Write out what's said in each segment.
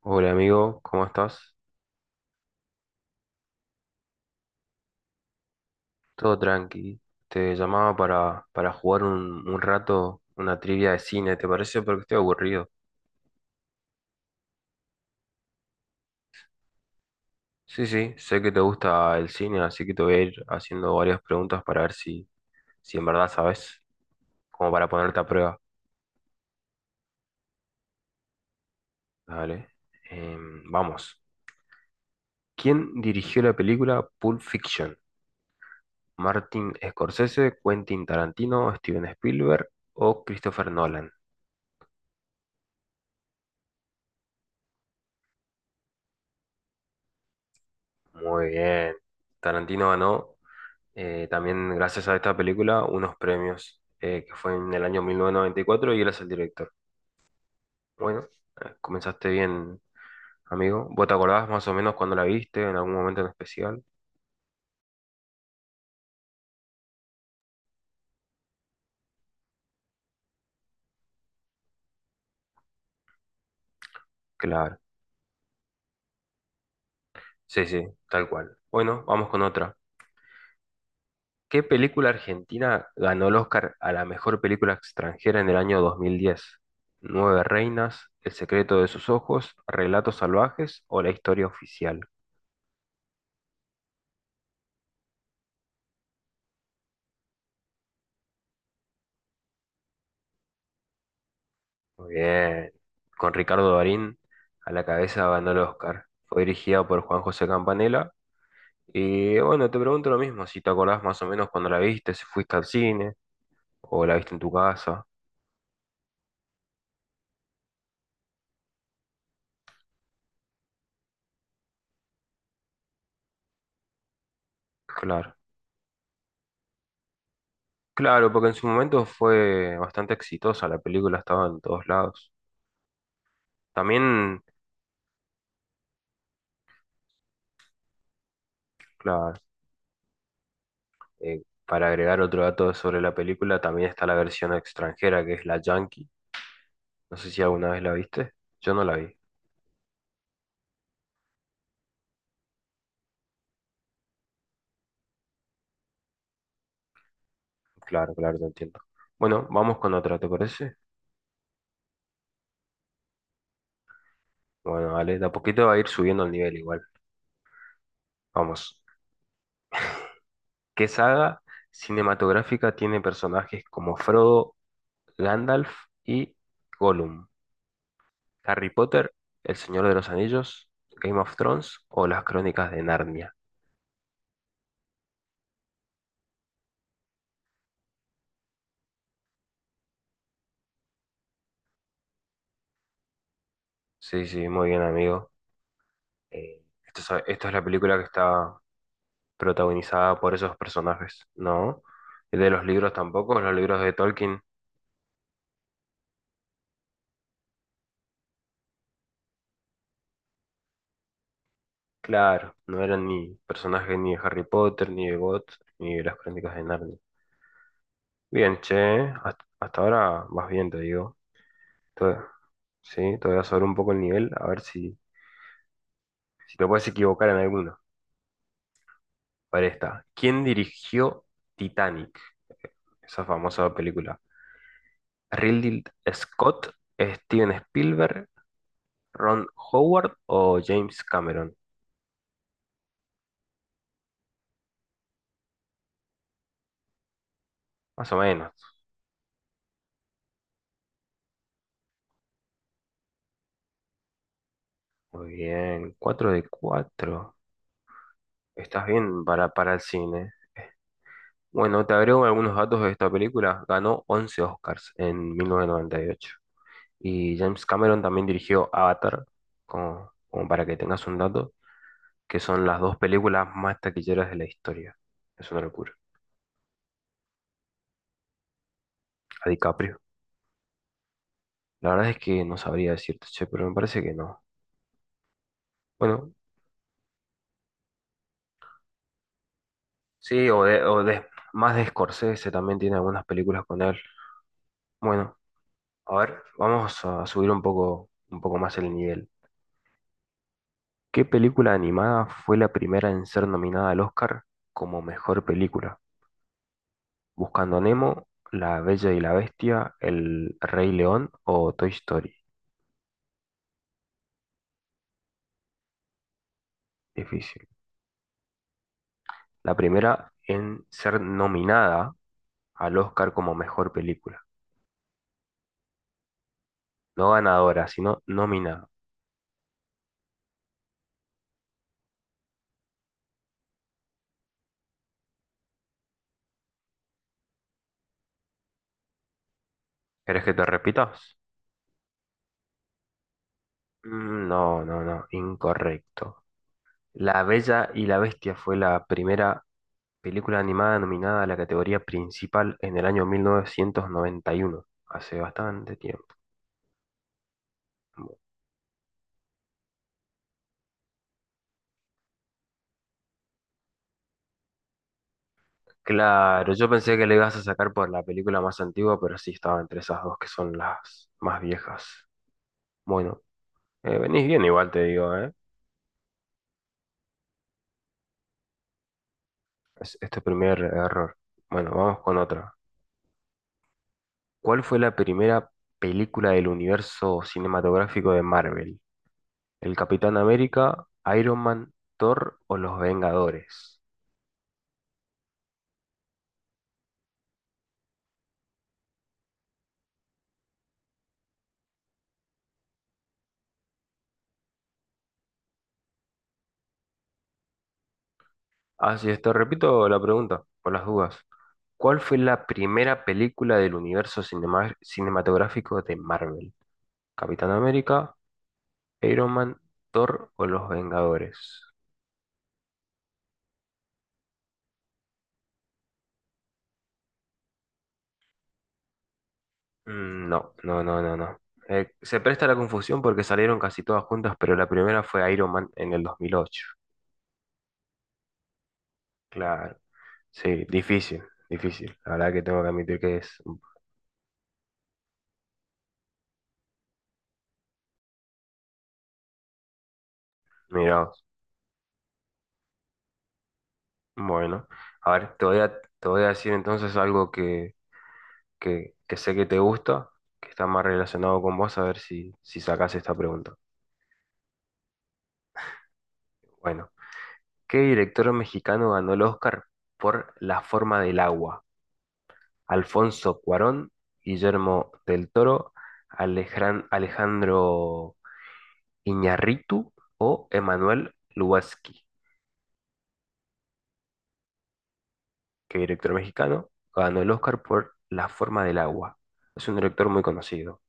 Hola amigo, ¿cómo estás? Todo tranqui. Te llamaba para jugar un rato una trivia de cine, ¿te parece? Porque estoy aburrido. Sí, sí, sé que te gusta el cine, así que te voy a ir haciendo varias preguntas para ver si, si en verdad sabes, como para ponerte a prueba. Dale. Vamos. ¿Quién dirigió la película Pulp Fiction? ¿Martin Scorsese, Quentin Tarantino, Steven Spielberg o Christopher Nolan? Muy bien. Tarantino ganó. También gracias a esta película, unos premios, que fue en el año 1994 y cuatro, y él es el director. Bueno, comenzaste bien, amigo. ¿Vos te acordás más o menos cuando la viste, en algún momento en especial? Claro, sí, sí, tal cual. Bueno, vamos con otra. ¿Qué película argentina ganó el Oscar a la mejor película extranjera en el año 2010? ¿Nueve reinas, El secreto de sus ojos, Relatos salvajes o La historia oficial? Muy bien. Con Ricardo Darín a la cabeza ganó el Oscar. Fue dirigida por Juan José Campanella. Y bueno, te pregunto lo mismo, si te acordás más o menos cuando la viste, si fuiste al cine o la viste en tu casa. Claro. Claro, porque en su momento fue bastante exitosa, la película estaba en todos lados. También, claro, para agregar otro dato sobre la película, también está la versión extranjera que es la Yankee. No sé si alguna vez la viste. Yo no la vi. Claro, claro, te entiendo. Bueno, vamos con otra, ¿te parece? Bueno, vale, de a poquito va a ir subiendo el nivel igual. Vamos. ¿Qué saga cinematográfica tiene personajes como Frodo, Gandalf y Gollum? ¿Harry Potter, El Señor de los Anillos, Game of Thrones o Las Crónicas de Narnia? Sí, sí, muy bien, amigo. Esta es la película que está protagonizada por esos personajes, ¿no? Y de los libros tampoco, los libros de Tolkien, claro, no eran ni personajes ni de Harry Potter, ni de God, ni de Las Crónicas de Narnia. Bien, che, hasta ahora vas bien, te digo. Todo- sí, todavía sobre un poco el nivel, a ver si, si te puedes equivocar en alguno. Para esta, ¿quién dirigió Titanic? Esa famosa película. ¿Ridley Scott, Steven Spielberg, Ron Howard o James Cameron? Más o menos. Muy bien, 4 de cuatro. Estás bien para el cine. Bueno, te agrego algunos datos de esta película. Ganó 11 Oscars en 1998. Y James Cameron también dirigió Avatar, como, como para que tengas un dato, que son las dos películas más taquilleras de la historia. Es una locura. A DiCaprio. La verdad es que no sabría decirte, che, pero me parece que no. Bueno, sí, o de- más de Scorsese también tiene algunas películas con él. Bueno, a ver, vamos a subir un poco más el nivel. ¿Qué película animada fue la primera en ser nominada al Oscar como mejor película? Buscando a Nemo, La Bella y la Bestia, El Rey León o Toy Story. Difícil. La primera en ser nominada al Oscar como mejor película. No ganadora, sino nominada. ¿Querés que te repitas? Mm, no, no, no, incorrecto. La Bella y la Bestia fue la primera película animada nominada a la categoría principal en el año 1991, hace bastante tiempo. Claro, yo pensé que le ibas a sacar por la película más antigua, pero sí estaba entre esas dos que son las más viejas. Bueno, venís bien igual te digo, ¿eh? Es, este primer error. Bueno, vamos con otra. ¿Cuál fue la primera película del universo cinematográfico de Marvel? ¿El Capitán América, Iron Man, Thor o Los Vengadores? Así es, te repito la pregunta, por las dudas. ¿Cuál fue la primera película del universo cinematográfico de Marvel? Capitán América, Iron Man, Thor o Los Vengadores. Mm, no, no, no, no, no. Se presta la confusión porque salieron casi todas juntas, pero la primera fue Iron Man en el 2008. Claro. Sí, difícil, difícil. La verdad que tengo que admitir que es... Mira, vos. Bueno, a ver, te voy a decir entonces algo que sé que te gusta, que está más relacionado con vos, a ver si, si sacás esta pregunta. Bueno, ¿qué director mexicano ganó el Oscar por La forma del agua? Alfonso Cuarón, Guillermo del Toro, Alejandro Iñárritu o Emanuel Lubezki, que director mexicano, ganó el Oscar por La forma del agua. Es un director muy conocido.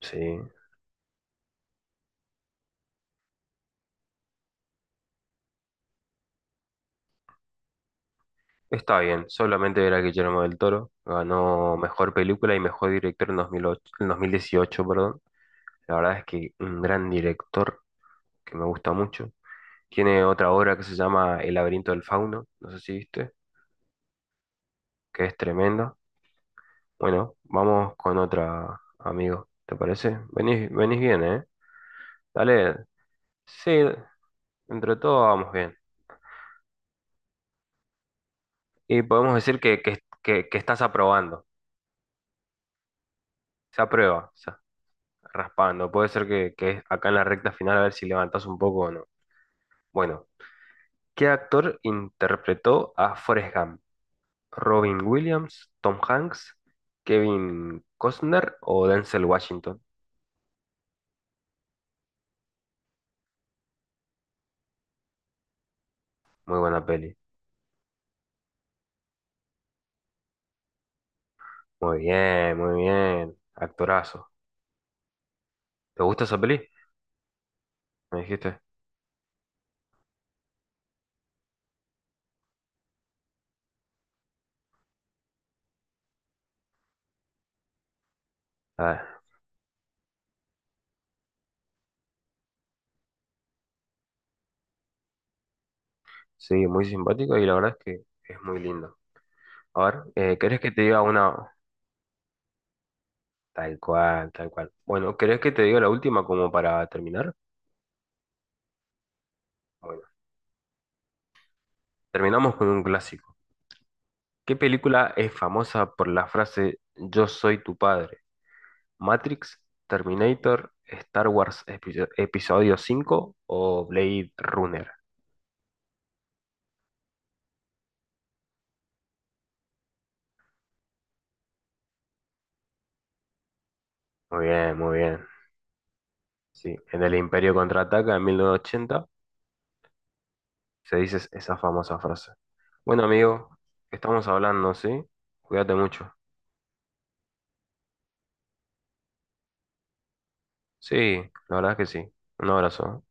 Sí, está bien. Solamente era Guillermo del Toro. Ganó mejor película y mejor director en 2008, en 2018, perdón. La verdad es que un gran director que me gusta mucho. Tiene otra obra que se llama El laberinto del fauno, no sé si viste, que es tremenda. Bueno, vamos con otra, amigo. ¿Te parece? Venís, venís bien, ¿eh? Dale. Sí, entre todo vamos bien. Y podemos decir que, que estás aprobando. Se aprueba, o sea, raspando. Puede ser que acá en la recta final a ver si levantás un poco o no. Bueno, ¿qué actor interpretó a Forrest Gump? ¿Robin Williams, Tom Hanks, Kevin Costner o Denzel Washington? Muy buena peli. Muy bien, muy bien. Actorazo. ¿Te gusta esa peli? Me dijiste. Ah, sí, muy simpático y la verdad es que es muy lindo. A ver, ¿querés que te diga una? Tal cual, tal cual. Bueno, ¿querés que te diga la última como para terminar? Bueno, terminamos con un clásico. ¿Qué película es famosa por la frase Yo soy tu padre? ¿Matrix, Terminator, Star Wars Episodio 5 o Blade Runner? Muy bien, muy bien. Sí, en el Imperio Contraataca en 1980 se dice esa famosa frase. Bueno, amigo, estamos hablando, ¿sí? Cuídate mucho. Sí, la verdad es que sí. Un abrazo.